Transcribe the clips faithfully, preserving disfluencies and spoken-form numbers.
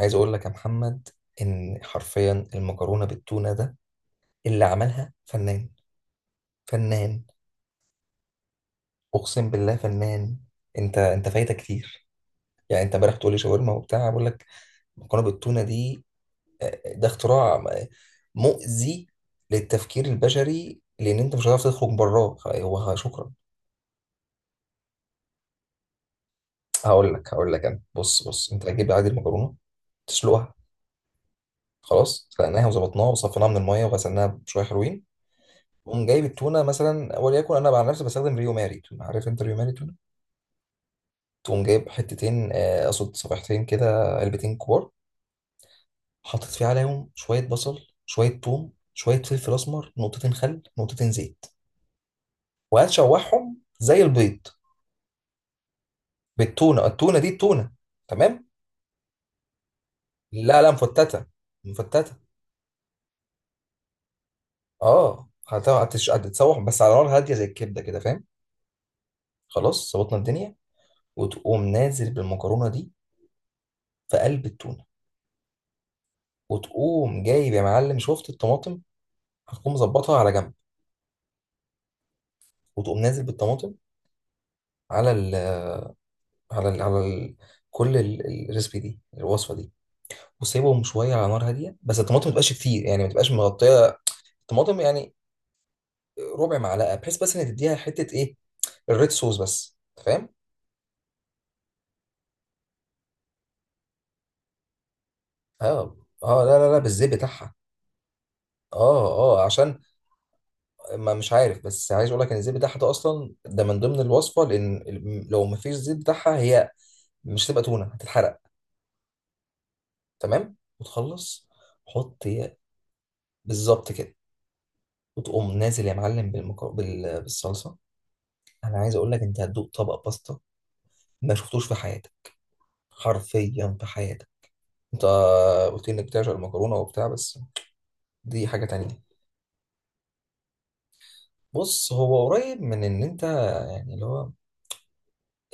عايز اقول لك يا محمد ان حرفيا المكرونه بالتونه ده اللي عملها فنان، فنان، اقسم بالله فنان. انت انت فايتك كتير. يعني انت امبارح بتقول لي شاورما وبتاع، بقول لك المكرونه بالتونه دي، آه، ده اختراع، آه، مؤذي للتفكير البشري، لان انت مش هتعرف تخرج براه. هو شكرا. هقول لك هقول لك انا، بص بص، انت هتجيب عادي المكرونه، تسلقها. خلاص، سلقناها وظبطناها وصفيناها من الميه وغسلناها بشويه حلوين. تقوم جايب التونه، مثلا وليكن انا عن نفسي بستخدم ريو ماري تونه. عارف انت ريو ماري تونه. تقوم جايب حتتين، آه، اقصد صفيحتين كده، علبتين كبار. حاطط فيه عليهم شويه بصل، شويه ثوم، شويه فلفل اسمر، نقطتين خل، نقطتين زيت، وهتشوحهم زي البيض. بالتونه، التونه دي، التونه. تمام. لا لا، مفتته، مفتته. اه، هت- هتش- هتتشوح بس على نار هاديه زي الكبده كده، فاهم. خلاص، ظبطنا الدنيا. وتقوم نازل بالمكرونه دي في قلب التونه. وتقوم جايب يا معلم، شفت الطماطم، هتقوم مظبطها على جنب. وتقوم نازل بالطماطم على ال على ال على ال كل ال- الريسبي دي، الوصفه دي. وسيبهم شويه على نار هاديه، بس الطماطم ما تبقاش كتير، يعني ما تبقاش مغطيه الطماطم، يعني ربع معلقه، بحيث بس ان تديها حته ايه، الريد صوص بس، أنت فاهم. اه اه، لا لا لا، بالزيت بتاعها. اه اه، عشان ما مش عارف، بس عايز اقول لك ان الزيت بتاعها ده اصلا، ده من ضمن الوصفه، لان لو ما فيش زيت بتاعها هي، مش هتبقى تونه، هتتحرق. تمام، وتخلص. حط هي، بالظبط كده. وتقوم نازل يا معلم بالمكو... بال... بالصلصه. انا عايز اقول لك، انت هتدوق طبق باستا ما شفتوش في حياتك، حرفيا في حياتك. انت قلت لي انك بتعشق المكرونه وبتاع، بس دي حاجه تانية. بص، هو قريب من ان انت، يعني اللي هو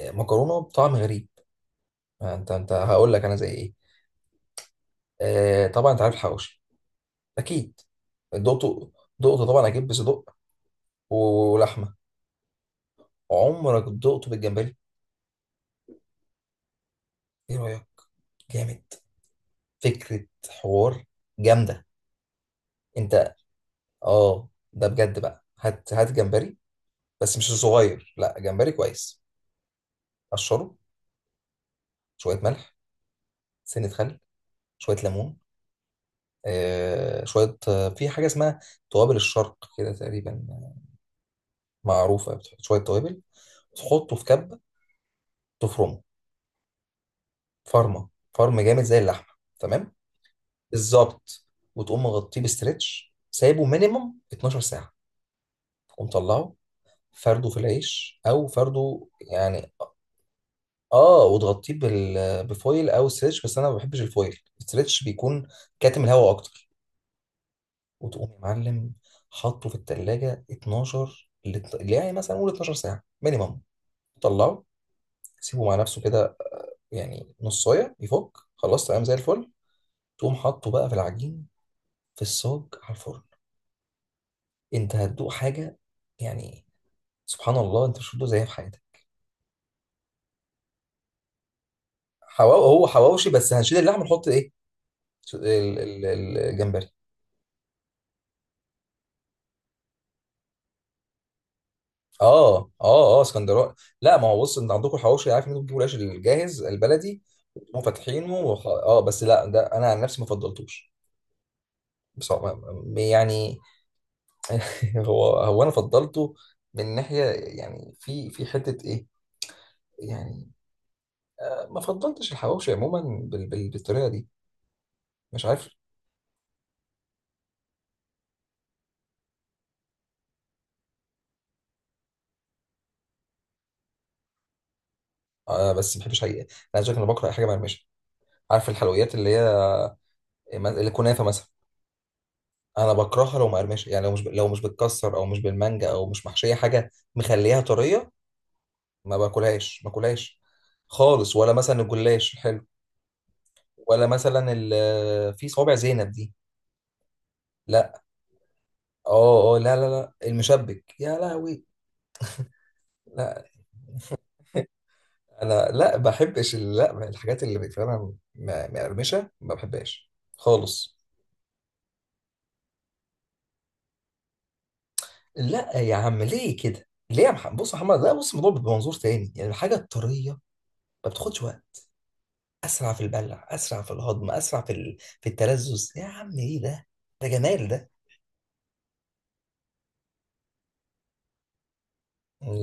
مكرونه بطعم غريب. آه، انت انت هقول لك انا زي ايه. آه طبعا انت عارف الحواوشي. اكيد، دقته، دقته طبعا اكيد بصدق، ولحمه. عمرك دقته بالجمبري؟ ايه رايك؟ جامد. فكرة حوار جامدة، انت. اه، ده بجد بقى، هات هات جمبري، بس مش صغير، لا جمبري كويس. قشره، شوية ملح، سنة خل، شوية ليمون، آه شوية آه، في حاجة اسمها توابل الشرق كده تقريبا، معروفة، بتحط شوية توابل. تحطه في كبة، تفرمه فرمة، فرم جامد زي اللحمة. تمام، بالظبط. وتقوم مغطيه بستريتش، سايبه مينيمم 12 ساعة. تقوم طلعه، فرده في العيش او فرده يعني. اه، وتغطيه بال... بفويل او ستريتش، بس انا ما بحبش الفويل، الستريتش بيكون كاتم الهواء اكتر. وتقوم يا معلم حاطه في التلاجة اثناشر، لت- اللي يعني مثلا قول 12 ساعه مينيمم. طلعه، سيبه مع نفسه كده، يعني نصايه يفك. خلاص، تمام زي الفل. تقوم حاطه بقى في العجين، في الصاج، على الفرن. انت هتدوق حاجه، يعني سبحان الله، انت مش هتدوق زيها في حياتك. حواو هو حواوشي، بس هنشيل اللحم، نحط ايه، ال- ال- الجمبري. اه اه اه، اسكندراني. لا، ما هو بص، انت عندكم الحواوشي، عارف ان انتوا بتجيبوا العيش الجاهز البلدي وفاتحينه وخ... اه بس لا، ده انا عن نفسي ما فضلتوش. بصراحه، يعني هو هو انا فضلته من ناحيه، يعني في في حته ايه يعني. آه ما فضلتش الحواوشي عموما بال... بال... بالطريقه دي، مش عارف. آه بس ما بحبش حقيقه. انا عايز أقول لك، انا بكره اي حاجه مقرمشه. عارف الحلويات اللي هي الكنافه مثلا، انا بكرهها لو مقرمشه. يعني لو مش ب... لو مش بتكسر، او مش بالمانجا، او مش محشيه حاجه مخليها طريه، ما باكلهاش، ما باكلهاش خالص. ولا مثلا الجلاش الحلو، ولا مثلا ال- آه، في صوابع زينب دي، لا. اه اه، لا لا لا، المشبك، يا لهوي، لا. انا لا بحبش، ال- لا، الحاجات اللي فعلا م- مقرمشه ما بحبهاش خالص. لا يا عم، ليه كده، ليه يا محمد؟ بص يا محمد، لا بص، الموضوع بمنظور تاني. يعني الحاجه الطريه ما بتاخدش وقت، اسرع في البلع، اسرع في الهضم، اسرع في ال... في التلذذ. يا عم ايه ده ده جمال ده.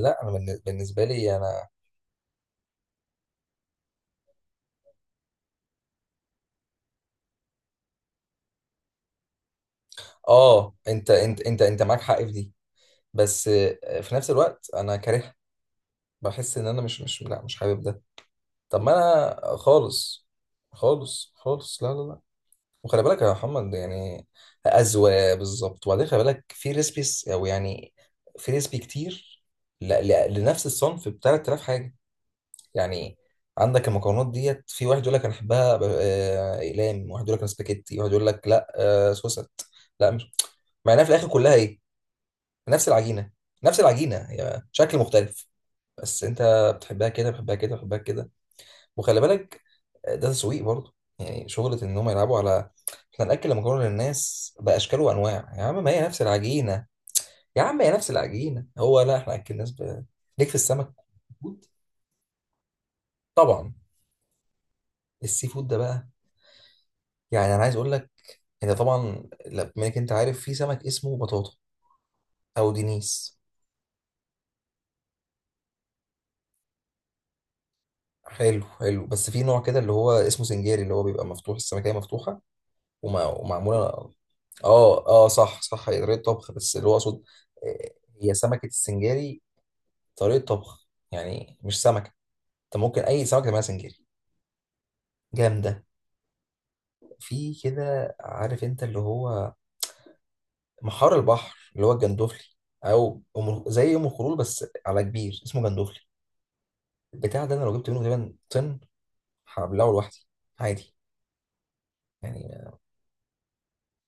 لا انا بالن- بالنسبه لي انا، اه، انت انت انت انت معاك حق في دي، بس آه، في نفس الوقت انا كارهها. بحس ان انا مش مش لا مش حابب ده. طب ما انا خالص، خالص خالص، لا لا لا. وخلي بالك يا محمد يعني، اذواق، بالظبط. وبعدين خلي بالك، في ريسبيس او يعني في ريسبي كتير ل- ل- لنفس الصنف، ب 3000 حاجه يعني. عندك المكرونات ديت، في واحد يقول لك انا احبها ب- آه، اقلام، واحد يقول لك انا سباكيتي، واحد يقول لك لا، آه، سوست، لا مش. مع انها في الاخر كلها ايه، نفس العجينه، نفس العجينه، هي شكل مختلف، بس انت بتحبها كده، بتحبها كده، بتحبها كده. وخلي بالك، ده تسويق برضه، يعني شغله ان هم يلعبوا على، احنا ناكل المكرونه للناس باشكال وانواع. يا عم ما هي نفس العجينه، يا عم هي نفس العجينه. هو لا احنا اكل الناس ب... ليك في السمك فود؟ طبعا، السي فود ده بقى، يعني انا عايز اقول لك، انت طبعا لا، بما انك انت عارف في سمك اسمه بطاطا او دينيس. حلو حلو، بس في نوع كده اللي هو اسمه سنجاري، اللي هو بيبقى مفتوح، السمكية مفتوحة ومع- ومعموله. اه اه، صح صح، هي طريقه طبخ، بس اللي هو اقصد، آه، هي سمكه السنجاري طريقه طبخ يعني، مش سمكه. انت ممكن اي سمكه تعملها سنجاري. جامده. في كده، عارف انت اللي هو محار البحر، اللي هو الجندوفلي، او أم- زي ام الخلول بس على كبير، اسمه جندوفلي. البتاع ده انا لو جبت منه تقريبا طن، هبلعه لوحدي عادي يعني.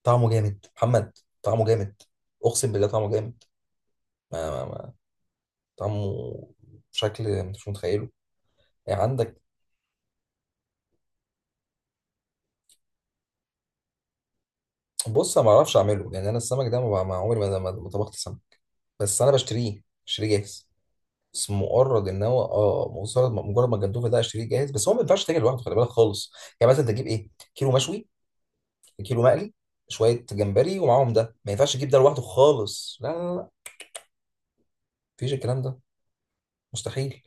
طعمه جامد محمد، طعمه جامد، اقسم بالله طعمه جامد. ما ما ما طعمه بشكل مش متخيله. يعني عندك، بص، انا ما اعرفش اعمله، يعني انا السمك ده ما ما عمري ما ما- ما طبخت سمك، بس انا بشتريه بشتريه جاهز. بس مجرد ان هو، اه مجرد مجرد ما الجندوفلي ده اشتريه جاهز، بس هو ما ينفعش تاكل لوحده، خلي بالك خالص. يعني مثلا تجيب ايه، كيلو مشوي، كيلو مقلي، شويه جمبري، ومعاهم ده، ما ينفعش تجيب ده لوحده خالص، لا لا لا، مفيش الكلام ده، مستحيل.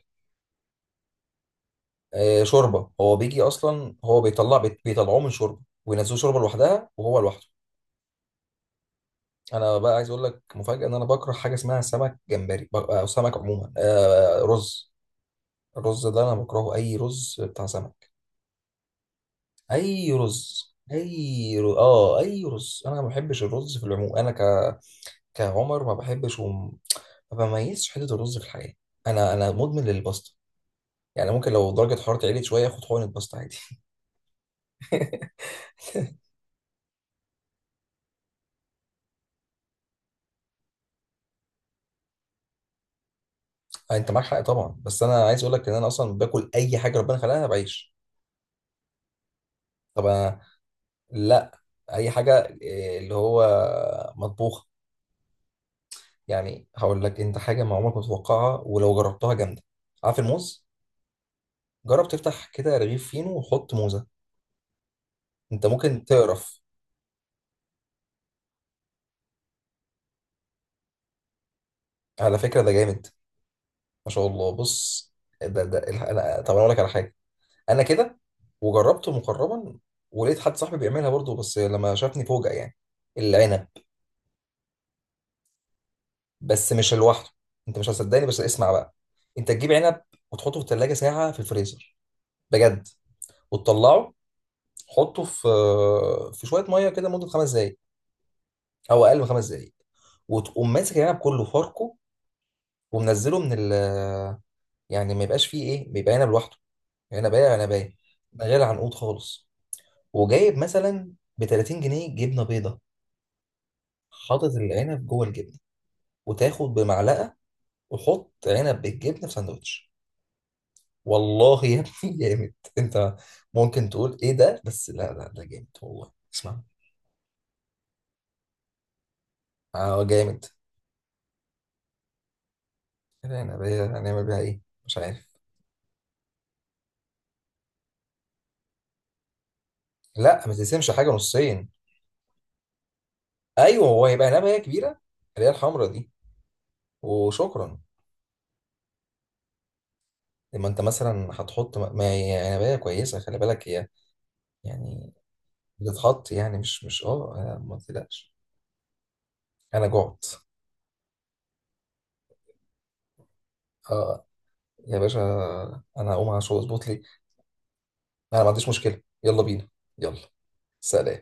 آه شوربه، هو بيجي اصلا، هو بيطلع، بيطلعوه من شوربه، وينزلوه شوربه لوحدها، وهو لوحده. انا بقى عايز اقول لك مفاجاه، ان انا بكره حاجه اسمها سمك جمبري، بق- او سمك عموما، آه رز. الرز ده انا بكرهه، اي رز بتاع سمك، اي رز، اي رز. اه اي رز، انا ما بحبش الرز في العموم. انا ك... كعمر ما بحبش وم... ما بميزش حته الرز في الحياه. انا انا مدمن للباستا، يعني ممكن لو درجه حرارتي عليت شويه اخد حقنه باستا عادي. انت معاك حق طبعا، بس انا عايز اقول لك، ان انا اصلا باكل اي حاجه ربنا خلقها بعيش. طب لا، اي حاجه، إيه، اللي هو مطبوخه. يعني هقول لك انت حاجه ما عمرك ما تتوقعها، ولو جربتها جامده. عارف الموز، جرب تفتح كده رغيف فينو وحط موزه، انت ممكن تقرف. على فكره ده جامد. ما شاء الله. بص، ده ده الح- انا، طب انا اقول لك على حاجه، انا كده وجربته مقربا، ولقيت حد صاحبي بيعملها برضه، بس لما شافني فوجئ. يعني العنب، بس مش لوحده، انت مش هتصدقني، بس اسمع بقى. انت تجيب عنب، وتحطه في الثلاجه ساعه في الفريزر، بجد، وتطلعه، حطه في في شويه ميه كده مده خمس دقائق، او اقل من خمس دقائق. وتقوم ماسك العنب كله فاركه، ومنزله من ال يعني ما يبقاش فيه ايه، بيبقى عنب لوحده، عنبايه، عنبايه، من غير عنقود خالص. وجايب مثلا ب تلاتين جنيه جبنه بيضه، حاطط العنب جوه الجبنه، وتاخد بمعلقه، وحط عنب بالجبنه في ساندوتش. والله يا ابني، جامد. انت ممكن تقول ايه ده، بس لا لا، ده جامد والله، اسمع. اه جامد. العنبايه هنعمل بيها ايه، مش عارف. لا ما تقسمش حاجه نصين. ايوه، هو هيبقى نبايه كبيره، اللي هي الحمرا دي. وشكرا. لما انت مثلا هتحط، ما ما هي نبايه كويسه، خلي بالك هي يعني، بتتحط يعني، مش مش اه أنا ما تقلقش. انا جعت. اه يا باشا، انا هقوم عشان اظبط لي. انا ما عنديش مشكله، يلا بينا، يلا، سلام.